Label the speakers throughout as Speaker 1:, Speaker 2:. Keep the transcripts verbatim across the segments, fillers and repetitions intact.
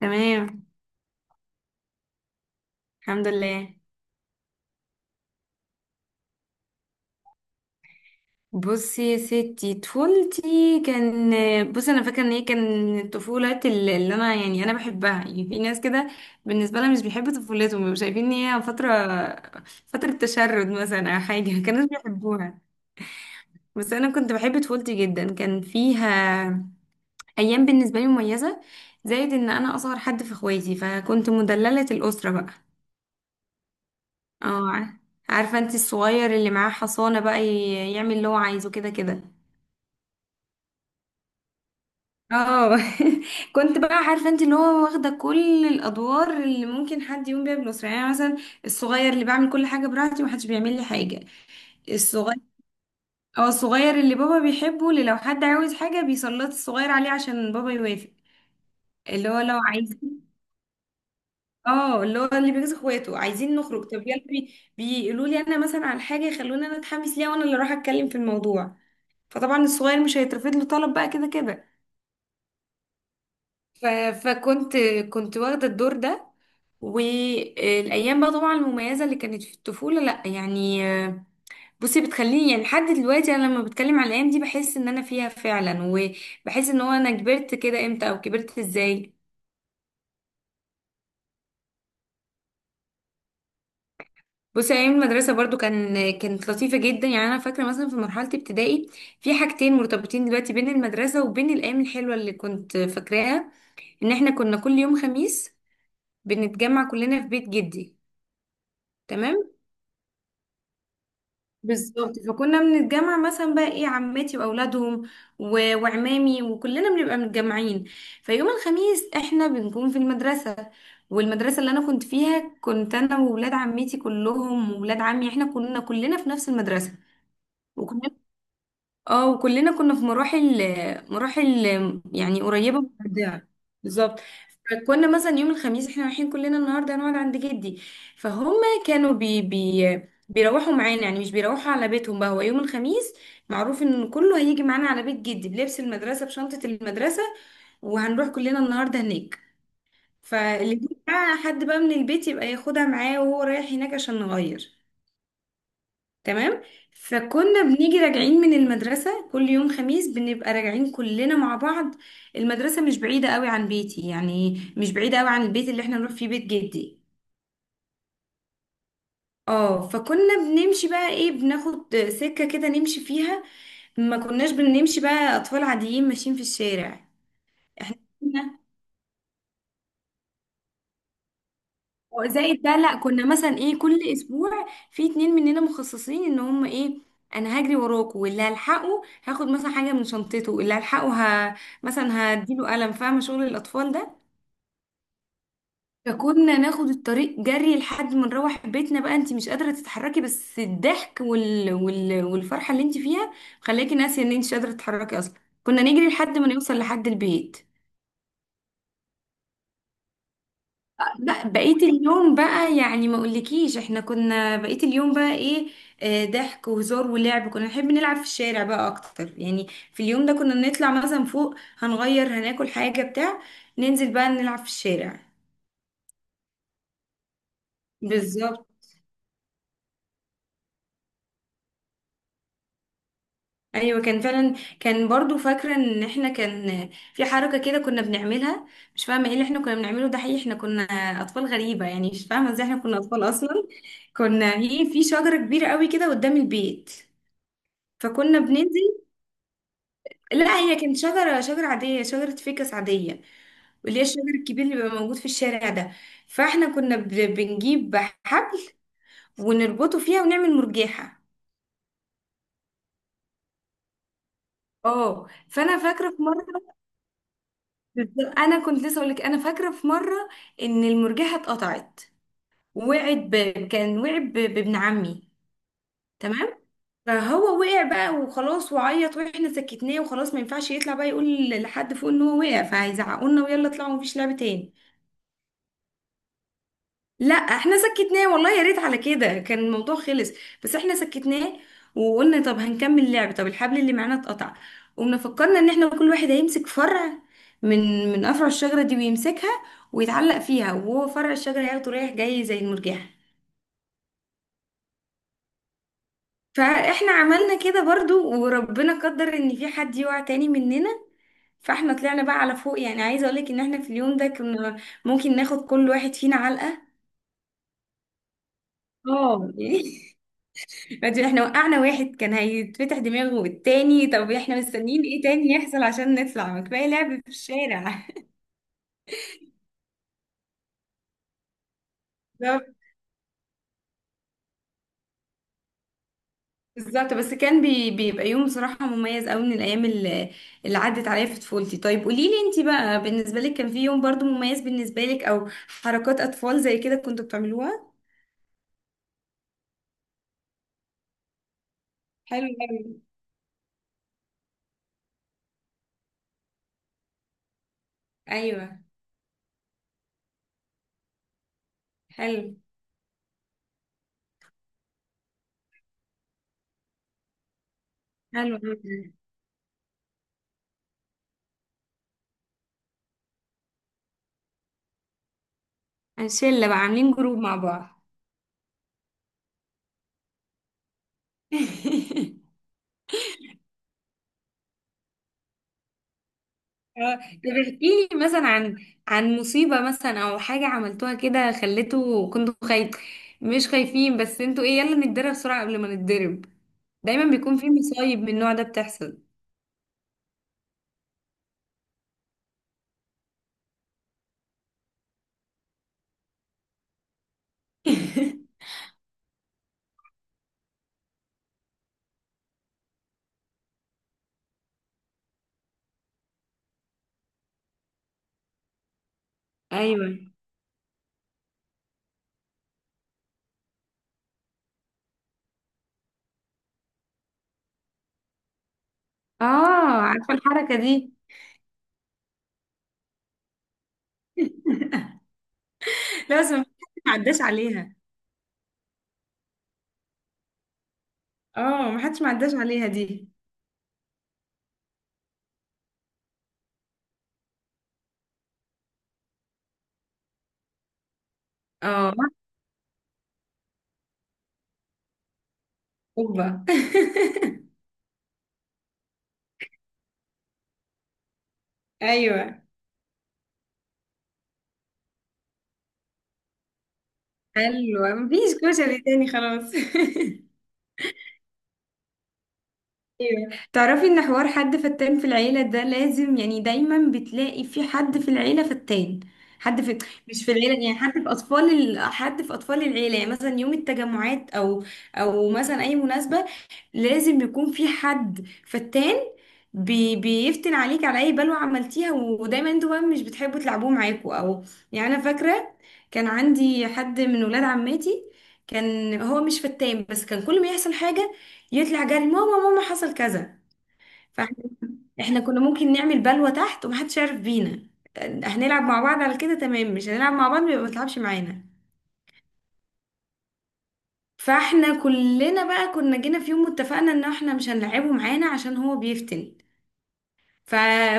Speaker 1: تمام. الحمد لله. بصي يا ستي، طفولتي كان بصي انا فاكره ان هي كان طفولات اللي اللي انا يعني انا بحبها. يعني في ناس كده بالنسبه لها مش بيحبوا طفولتهم، بيبقوا شايفين ان هي فتره فتره تشرد مثلا او حاجه كانوا بيحبوها، بس انا كنت بحب طفولتي جدا. كان فيها ايام بالنسبه لي مميزه، زائد ان انا اصغر حد في اخواتي فكنت مدلله الاسره بقى. اه. عارفه انت الصغير اللي معاه حصانه بقى، ي- يعمل اللي هو عايزه كده كده. اه كنت بقى عارفه انت اللي هو واخده كل الادوار اللي ممكن حد يقوم بيها بالاسره، يعني أنا مثلا الصغير اللي بعمل كل حاجه براحتي ومحدش بيعمل لي حاجه. الصغير. اه الصغير اللي بابا بيحبه، اللي لو حد عاوز حاجه بيسلط الصغير عليه عشان بابا يوافق. اللي هو لو عايزين، اه اللي هو اللي بيجوز اخواته عايزين نخرج، طب يلا، بي... بيقولوا لي انا مثلا على حاجه يخلوني انا اتحمس ليها وانا اللي اروح اتكلم في الموضوع. فطبعا الصغير مش هيترفض له طلب بقى كده كده. ف... فكنت كنت واخده الدور ده. والايام بقى طبعا المميزه اللي كانت في الطفوله، لا يعني آه، بصي بتخليني، يعني لحد دلوقتي انا لما بتكلم على الايام دي بحس ان انا فيها فعلا، وبحس ان هو انا كبرت كده امتى او كبرت ازاي. بصي ايام المدرسه برضو كان كانت لطيفه جدا. يعني انا فاكره مثلا في مرحله ابتدائي، في حاجتين مرتبطين دلوقتي بين المدرسه وبين الايام الحلوه اللي كنت فاكراها، ان احنا كنا كل يوم خميس بنتجمع كلنا في بيت جدي. تمام. بالظبط، فكنا بنتجمع مثلا بقى ايه عماتي واولادهم و- وعمامي وكلنا بنبقى متجمعين. فيوم الخميس احنا بنكون في المدرسة، والمدرسة اللي انا كنت فيها كنت انا وولاد عمتي كلهم وولاد عمي، احنا كنا كلنا في نفس المدرسة. وكنا اه وكلنا كنا في مراحل، مراحل يعني قريبة من بعضها. بالظبط. فكنا مثلا يوم الخميس احنا رايحين كلنا النهارده هنقعد عند جدي، فهم كانوا بي بي بيروحوا معانا، يعني مش بيروحوا على بيتهم بقى. هو يوم الخميس معروف ان كله هيجي معانا على بيت جدي، بلبس المدرسة بشنطة المدرسة، وهنروح كلنا النهارده هناك. فاللي بقى حد بقى من البيت يبقى ياخدها معاه وهو رايح هناك عشان نغير. تمام. فكنا بنيجي راجعين من المدرسة كل يوم خميس، بنبقى راجعين كلنا مع بعض. المدرسة مش بعيدة قوي عن بيتي، يعني مش بعيدة قوي عن البيت اللي احنا نروح فيه، بيت جدي. اه فكنا بنمشي بقى ايه، بناخد سكة كده نمشي فيها، ما كناش بنمشي بقى اطفال عاديين ماشيين في الشارع. احنا زائد ده لا، كنا مثلا ايه كل اسبوع في اتنين مننا مخصصين ان هم ايه، انا هجري وراكوا واللي هلحقه هاخد مثلا حاجه من شنطته، واللي هلحقه ه... مثلا هديله قلم، فاهمه شغل الاطفال ده. فكنا ناخد الطريق جري لحد ما نروح بيتنا بقى، انت مش قادره تتحركي، بس الضحك وال... وال... والفرحه اللي انت فيها خلاكي ناسيه ان انت مش قادره تتحركي اصلا. كنا نجري لحد ما نوصل لحد البيت. لا بقيت اليوم بقى، يعني ما اقولكيش احنا كنا بقيت اليوم بقى ايه، آه، ضحك وهزار ولعب. كنا نحب نلعب في الشارع بقى اكتر يعني. في اليوم ده كنا نطلع مثلا فوق هنغير هناكل حاجة بتاع، ننزل بقى نلعب في الشارع. بالظبط. ايوه كان فعلا، كان برضو فاكرة ان احنا كان في حركة كده كنا بنعملها، مش فاهمة ايه اللي احنا كنا بنعمله ده حقيقي. احنا كنا اطفال غريبة، يعني مش فاهمة ازاي احنا كنا اطفال اصلا. كنا في في شجرة كبيرة قوي كده قدام البيت فكنا بننزل. لا هي كانت شجرة شجرة عادية، شجرة فيكس عادية، اللي هي الشجر الكبير اللي بيبقى موجود في الشارع ده. فاحنا كنا ب- بنجيب حبل ونربطه فيها ونعمل مرجيحة. اه فانا فاكرة في مرة. بالظبط، انا كنت لسه اقول لك، انا فاكرة في مرة ان المرجيحة اتقطعت، وقعت ب... كان وقع ب... بابن عمي. تمام. فهو وقع بقى وخلاص وعيط، واحنا سكتناه وخلاص ما ينفعش يطلع بقى يقول لحد فوق ان هو وقع فهيزعقوا لنا ويلا اطلعوا مفيش لعب تاني. لا احنا سكتناه، والله يا ريت على كده كان الموضوع خلص، بس احنا سكتناه. وقلنا طب هنكمل لعب، طب الحبل اللي معانا اتقطع. قمنا فكرنا ان احنا كل واحد هيمسك فرع من من افرع الشجره دي ويمسكها ويتعلق فيها، وهو فرع الشجره هياخده رايح جاي زي المرجحه. فاحنا عملنا كده برضو وربنا قدر ان في حد يقع تاني مننا. فاحنا طلعنا بقى على فوق، يعني عايزه اقولك ان احنا في اليوم ده كنا ممكن ناخد كل واحد فينا علقه. اه بعدين احنا وقعنا واحد كان هيتفتح دماغه والتاني، طب احنا مستنيين ايه تاني يحصل عشان نطلع، ما كفايه لعب في الشارع. بالظبط. بالظبط. بس كان بي بيبقى يوم بصراحه مميز قوي من الايام اللي, اللي عدت عليا في طفولتي. طيب قولي لي انت بقى، بالنسبه لك كان في يوم برضو مميز بالنسبه لك، او حركات اطفال زي كده كنتوا بتعملوها؟ حلو قوي. ايوه حلو حلو قوي. شله بقى عاملين جروب مع بعض. اه طب احكي لي مثلا عن عن مصيبة مثلا او حاجة عملتوها كده خليته كنتوا خايف، مش خايفين بس انتوا ايه يلا نتدرب بسرعة قبل ما نتضرب. دايما بيكون في مصايب من النوع ده بتحصل. ايوه. اه عارفة الحركة دي. لا بس ما حدش ما عداش عليها. اه ما حدش ما عداش عليها دي. اه. اوبا. ايوه. حلوة، مفيش كشري تاني خلاص. ايوه تعرفي ان حوار حد فتان في العيلة ده لازم، يعني دايما بتلاقي في حد في العيلة فتان. حد في مش في العيلة، يعني حد في اطفال ال... حد في اطفال العيلة، يعني مثلا يوم التجمعات او او مثلا اي مناسبة لازم يكون في حد فتان، بي... بيفتن عليك على اي بلوة عملتيها، ودايما انتوا بقى مش بتحبوا تلعبوه معاكوا او يعني. انا فاكرة كان عندي حد من ولاد عماتي، كان هو مش فتان بس كان كل ما يحصل حاجة يطلع جري ماما ماما حصل كذا. فاحنا كنا ممكن نعمل بلوة تحت ومحدش يعرف بينا، هنلعب مع بعض على كده تمام، مش هنلعب مع بعض يبقى ما تلعبش معانا. فاحنا كلنا بقى كنا جينا في يوم واتفقنا ان احنا مش هنلعبه معانا عشان هو بيفتن. ف...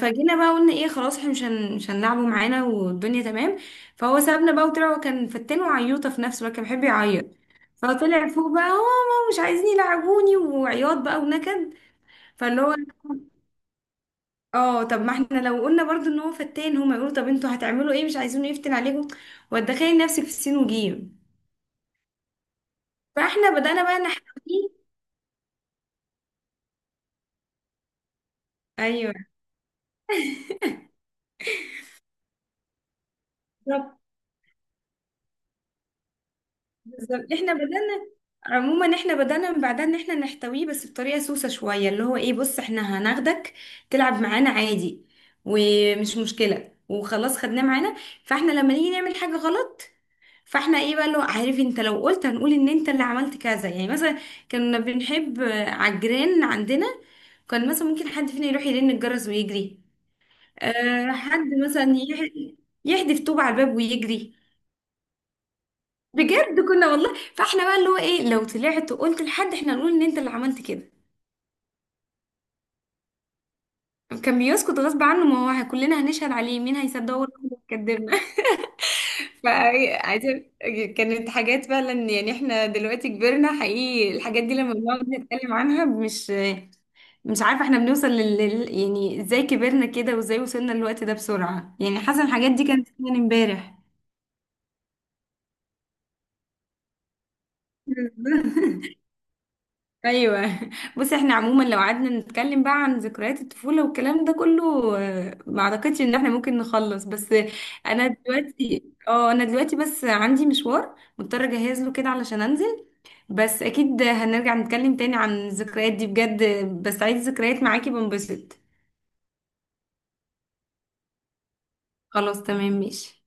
Speaker 1: فجينا بقى قلنا ايه، خلاص احنا مش هن... مش هنلعبه معانا، والدنيا تمام. فهو سابنا بقى وطلع، هو كان فتان وعيوطه في نفسه بقى كان بيحب يعيط، فطلع فوق بقى هو ماما مش عايزين يلعبوني وعياط بقى ونكد. فاللي هو اه طب ما احنا لو قلنا برضو ان هو فتان هما يقولوا طب انتوا هتعملوا ايه مش عايزينه يفتن عليكم، وتدخلي نفسك في السين وجيم. فاحنا بدأنا بقى نحتويه. ايوه. بالظبط. بالظبط احنا بدأنا عموما احنا بدأنا من بعدها ان احنا نحتويه، بس بطريقة سوسة شوية، اللي هو ايه بص احنا هناخدك تلعب معانا عادي، ومش مشكلة وخلاص خدناه معانا. فاحنا لما نيجي نعمل حاجة غلط، فاحنا ايه بقى اللي هو عارف انت لو قلت هنقول ان انت اللي عملت كذا. يعني مثلا كنا بنحب آه، على الجيران عندنا، كان مثلا ممكن حد فينا يروح يرن الجرس ويجري، أه حد مثلا يح- يحدف طوب على الباب ويجري. بجد كنا والله. فاحنا بقى اللي هو ايه، لو طلعت وقلت لحد احنا نقول ان انت اللي عملت كده. كان بيسكت غصب عنه، ما هو كلنا هنشهد عليه، مين هيصدقه ولا هو اللي هيكدبنا. فعايزة كانت حاجات فعلا يعني، احنا دلوقتي كبرنا حقيقي، الحاجات دي لما بنقعد نتكلم عنها مش مش عارفة احنا بنوصل لل لل- يعني ازاي كبرنا كده وازاي وصلنا للوقت ده بسرعة، يعني حاسة الحاجات دي كانت فعلا امبارح. ايوه بص احنا عموما لو قعدنا نتكلم بقى عن ذكريات الطفوله والكلام ده كله، آه، ما اعتقدش ان احنا ممكن نخلص. بس انا دلوقتي اه انا دلوقتي بس عندي مشوار مضطره اجهز له كده علشان انزل. بس اكيد هنرجع نتكلم تاني عن الذكريات دي بجد، بس عايز ذكريات معاكي بنبسط. خلاص تمام ماشي.